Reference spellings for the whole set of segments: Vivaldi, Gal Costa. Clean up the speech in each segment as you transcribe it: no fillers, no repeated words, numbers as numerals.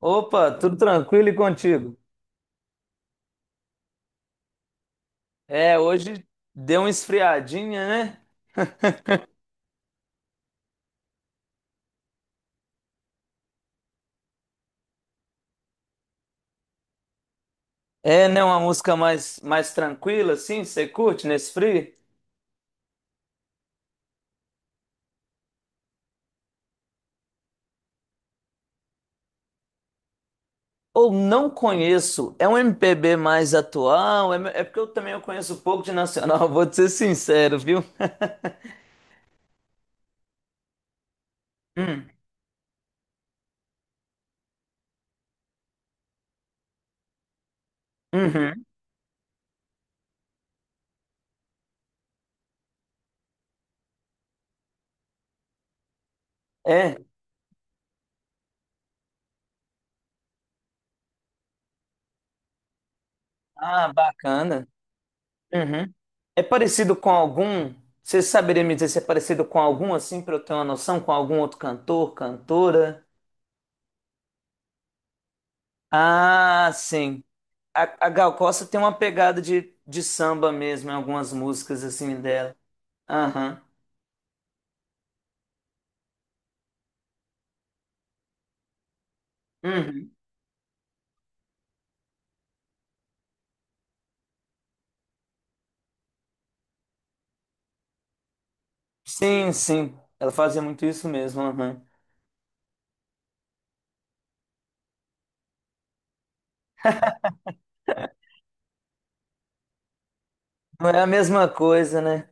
Opa, tudo tranquilo e contigo? É, hoje deu uma esfriadinha, né? É, né, uma música mais tranquila, assim, você curte nesse frio? Ou não conheço, é um MPB mais atual, é porque eu também eu conheço pouco de nacional, vou te ser sincero, viu? Hum, uhum. É, ah, bacana. Uhum. É parecido com algum, Você saberia me dizer se é parecido com algum, assim, pra eu ter uma noção, com algum outro cantor, cantora? Ah, sim. A Gal Costa tem uma pegada de samba mesmo em algumas músicas assim dela. Aham. Uhum. Sim, sim. Ela fazia muito isso mesmo. Aham. Não é a mesma coisa, né?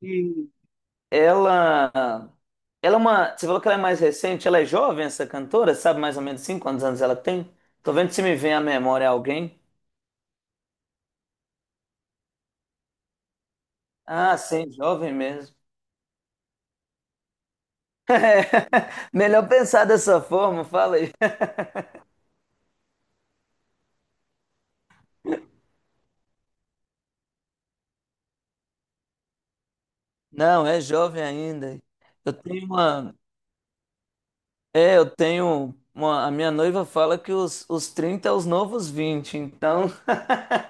E ela, ela é uma. Você falou que ela é mais recente, ela é jovem, essa cantora? Sabe mais ou menos assim quantos anos ela tem? Tô vendo se me vem à memória alguém. Ah, sim, jovem mesmo. Melhor pensar dessa forma, fala aí. Não, é jovem ainda. Eu tenho uma, É, eu tenho. Uma, a minha noiva fala que os 30 é os novos 20. Então.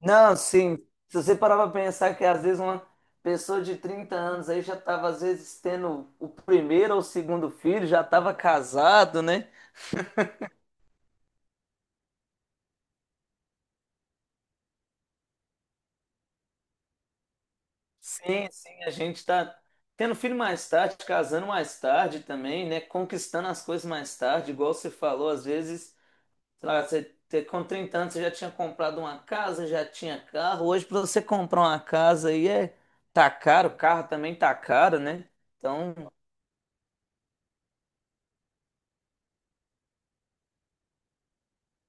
Não, sim. Se você parar para pensar que às vezes uma pessoa de 30 anos aí já estava às vezes tendo o primeiro ou o segundo filho, já estava casado, né? Sim, sim, a gente está tendo filho mais tarde, casando mais tarde também, né? Conquistando as coisas mais tarde, igual você falou, às vezes sei lá, com 30 anos você já tinha comprado uma casa, já tinha carro. Hoje, para você comprar uma casa aí tá caro, o carro também tá caro, né? Então,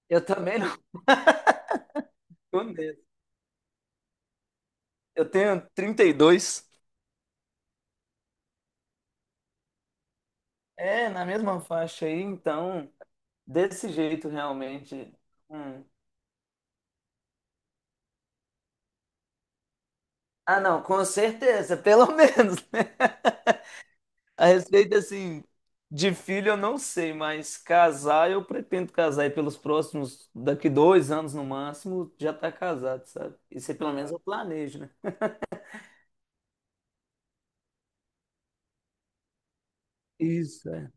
eu também não tô nesse. Eu tenho 32. É, na mesma faixa aí, então, desse jeito realmente. Hum. Ah, não, com certeza, pelo menos, né? A receita assim, de filho eu não sei, mas casar eu pretendo casar e pelos próximos, daqui 2 anos no máximo, já tá casado, sabe? Isso aí pelo menos eu planejo, né? Isso, é.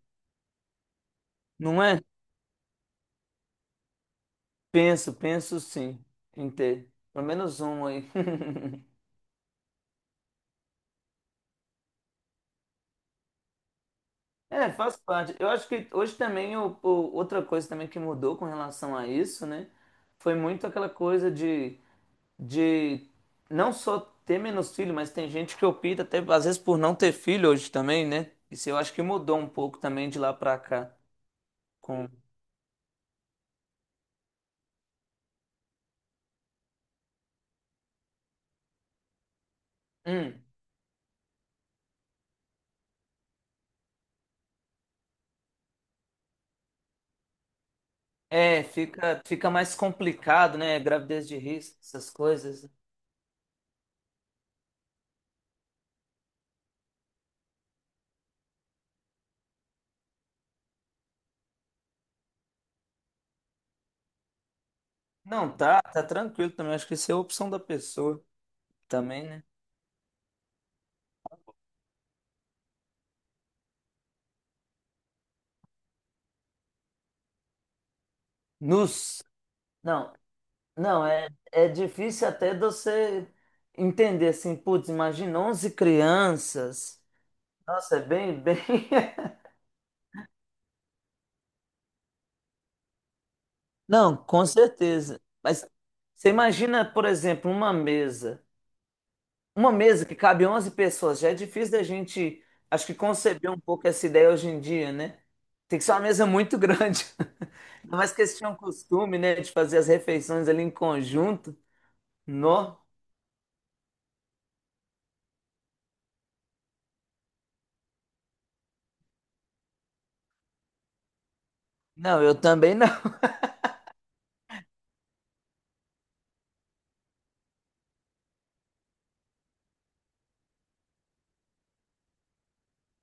Não é? Penso, penso sim em ter. Pelo menos um aí. É, faz parte. Eu acho que hoje também, outra coisa também que mudou com relação a isso, né? Foi muito aquela coisa de não só ter menos filho, mas tem gente que opta até às vezes por não ter filho hoje também, né? Isso eu acho que mudou um pouco também de lá pra cá. Com... Hum, é, fica mais complicado, né? Gravidez de risco, essas coisas. Não, tá, tá tranquilo também. Acho que isso é a opção da pessoa também, né? Nos. Não, não, é difícil até de você entender assim, putz, imagina 11 crianças. Nossa, é bem, bem. Não, com certeza. Mas você imagina, por exemplo, uma mesa. Uma mesa que cabe 11 pessoas. Já é difícil da gente, acho que conceber um pouco essa ideia hoje em dia, né? Tem que ser uma mesa muito grande. Ainda mais que eles tinham costume, né, de fazer as refeições ali em conjunto. No. Não, eu também não.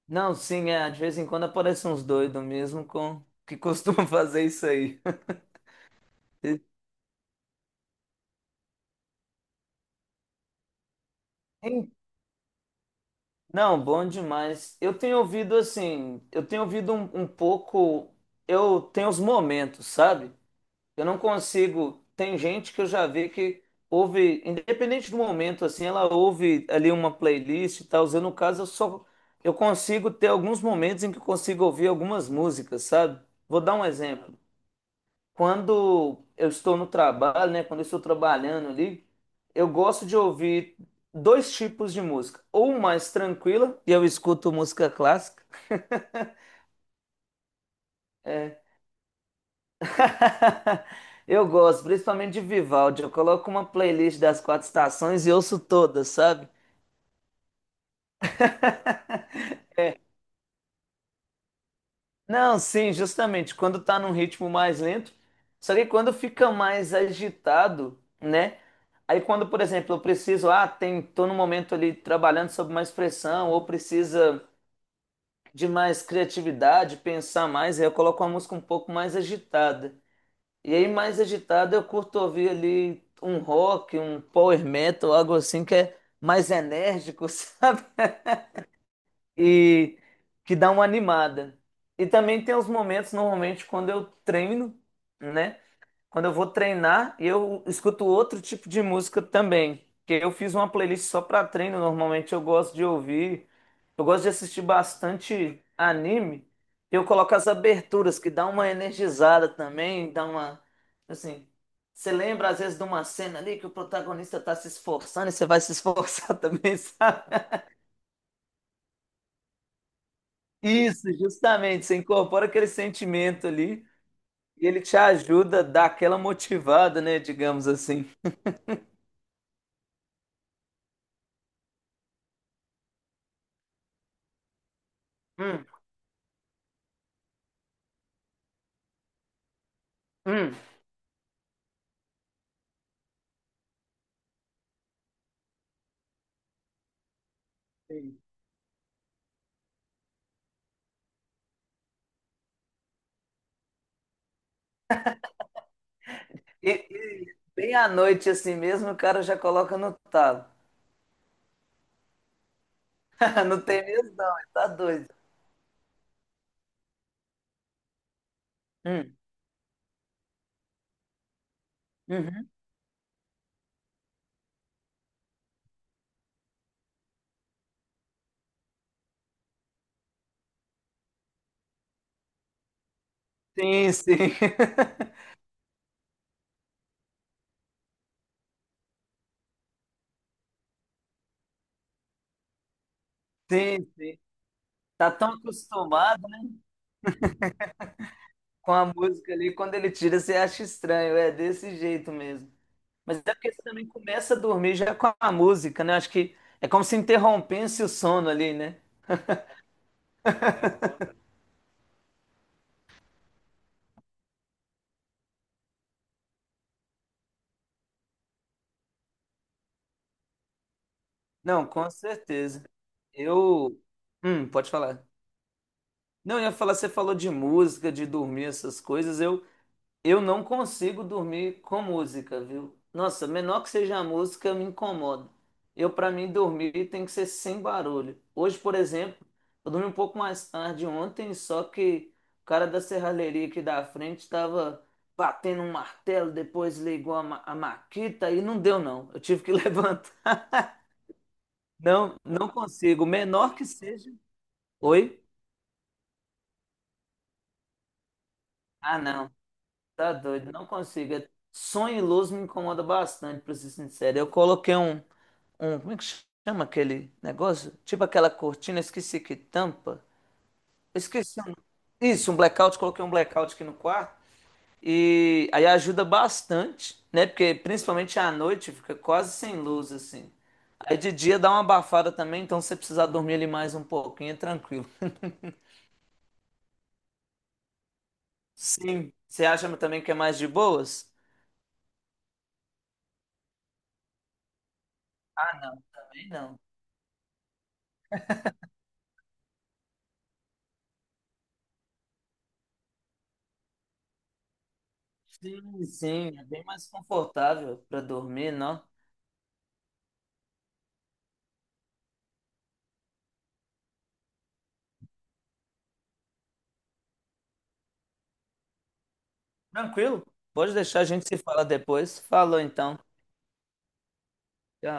Não, sim, é, de vez em quando aparecem uns doidos mesmo com que costumam fazer isso aí. Não, bom demais. Eu tenho ouvido assim, eu tenho ouvido um pouco, eu tenho os momentos, sabe? Eu não consigo. Tem gente que eu já vi que ouve, independente do momento, assim, ela ouve ali uma playlist e tal. Eu, no caso, eu só eu consigo ter alguns momentos em que eu consigo ouvir algumas músicas, sabe? Vou dar um exemplo quando eu estou no trabalho, né? Quando eu estou trabalhando ali, eu gosto de ouvir dois tipos de música. Ou mais tranquila, e eu escuto música clássica. É. Eu gosto, principalmente de Vivaldi. Eu coloco uma playlist das quatro estações e ouço todas, sabe? Não, sim, justamente quando tá num ritmo mais lento. Só que quando fica mais agitado, né? Aí quando, por exemplo, eu preciso, ah, tô num momento ali trabalhando sob mais pressão, ou precisa de mais criatividade, pensar mais, aí eu coloco uma música um pouco mais agitada. E aí, mais agitada, eu curto ouvir ali um rock, um power metal, algo assim que é mais enérgico, sabe? E que dá uma animada. E também tem os momentos, normalmente, quando eu treino, né? Quando eu vou treinar, eu escuto outro tipo de música também. Que eu fiz uma playlist só para treino. Normalmente eu gosto de ouvir. Eu gosto de assistir bastante anime. Eu coloco as aberturas, que dá uma energizada também, dá uma. Assim, você lembra às vezes de uma cena ali que o protagonista tá se esforçando e você vai se esforçar também, sabe? Isso, justamente. Você incorpora aquele sentimento ali e ele te ajuda a dar aquela motivada, né? Digamos assim. Hum, hum. Sim. E bem à noite assim mesmo, o cara já coloca no talo. Não tem mesmo, não, ele tá doido. Hum, uhum. Sim, sim. Sim, sim. Tá tão acostumado, né, com a música ali, quando ele tira, você acha estranho, é desse jeito mesmo. Mas é porque você também começa a dormir já com a música, né? Acho que é como se interrompesse o sono ali, né? Não, com certeza. Eu. Pode falar. Não, eu ia falar, você falou de música, de dormir, essas coisas. Eu não consigo dormir com música, viu? Nossa, menor que seja a música, me incomoda. Eu, pra mim, dormir tem que ser sem barulho. Hoje, por exemplo, eu dormi um pouco mais tarde ontem, só que o cara da serralheria aqui da frente estava batendo um martelo, depois ligou a maquita e não deu, não. Eu tive que levantar. Não, não consigo. Menor que seja. Oi? Ah, não. Tá doido, não consigo. Sonho e luz me incomoda bastante, pra ser sincero. Eu coloquei um, como é que chama aquele negócio? Tipo aquela cortina, esqueci que tampa. Esqueci. O Isso, um blackout, coloquei um blackout aqui no quarto. E aí ajuda bastante, né? Porque principalmente à noite fica quase sem luz, assim. Aí de dia dá uma abafada também, então se você precisar dormir ali mais um pouquinho, é tranquilo. Sim. Você acha também que é mais de boas? Ah, não, também não. Sim, sim, é bem mais confortável para dormir, não? Tranquilo? Pode deixar, a gente se fala depois. Falou então. Tchau.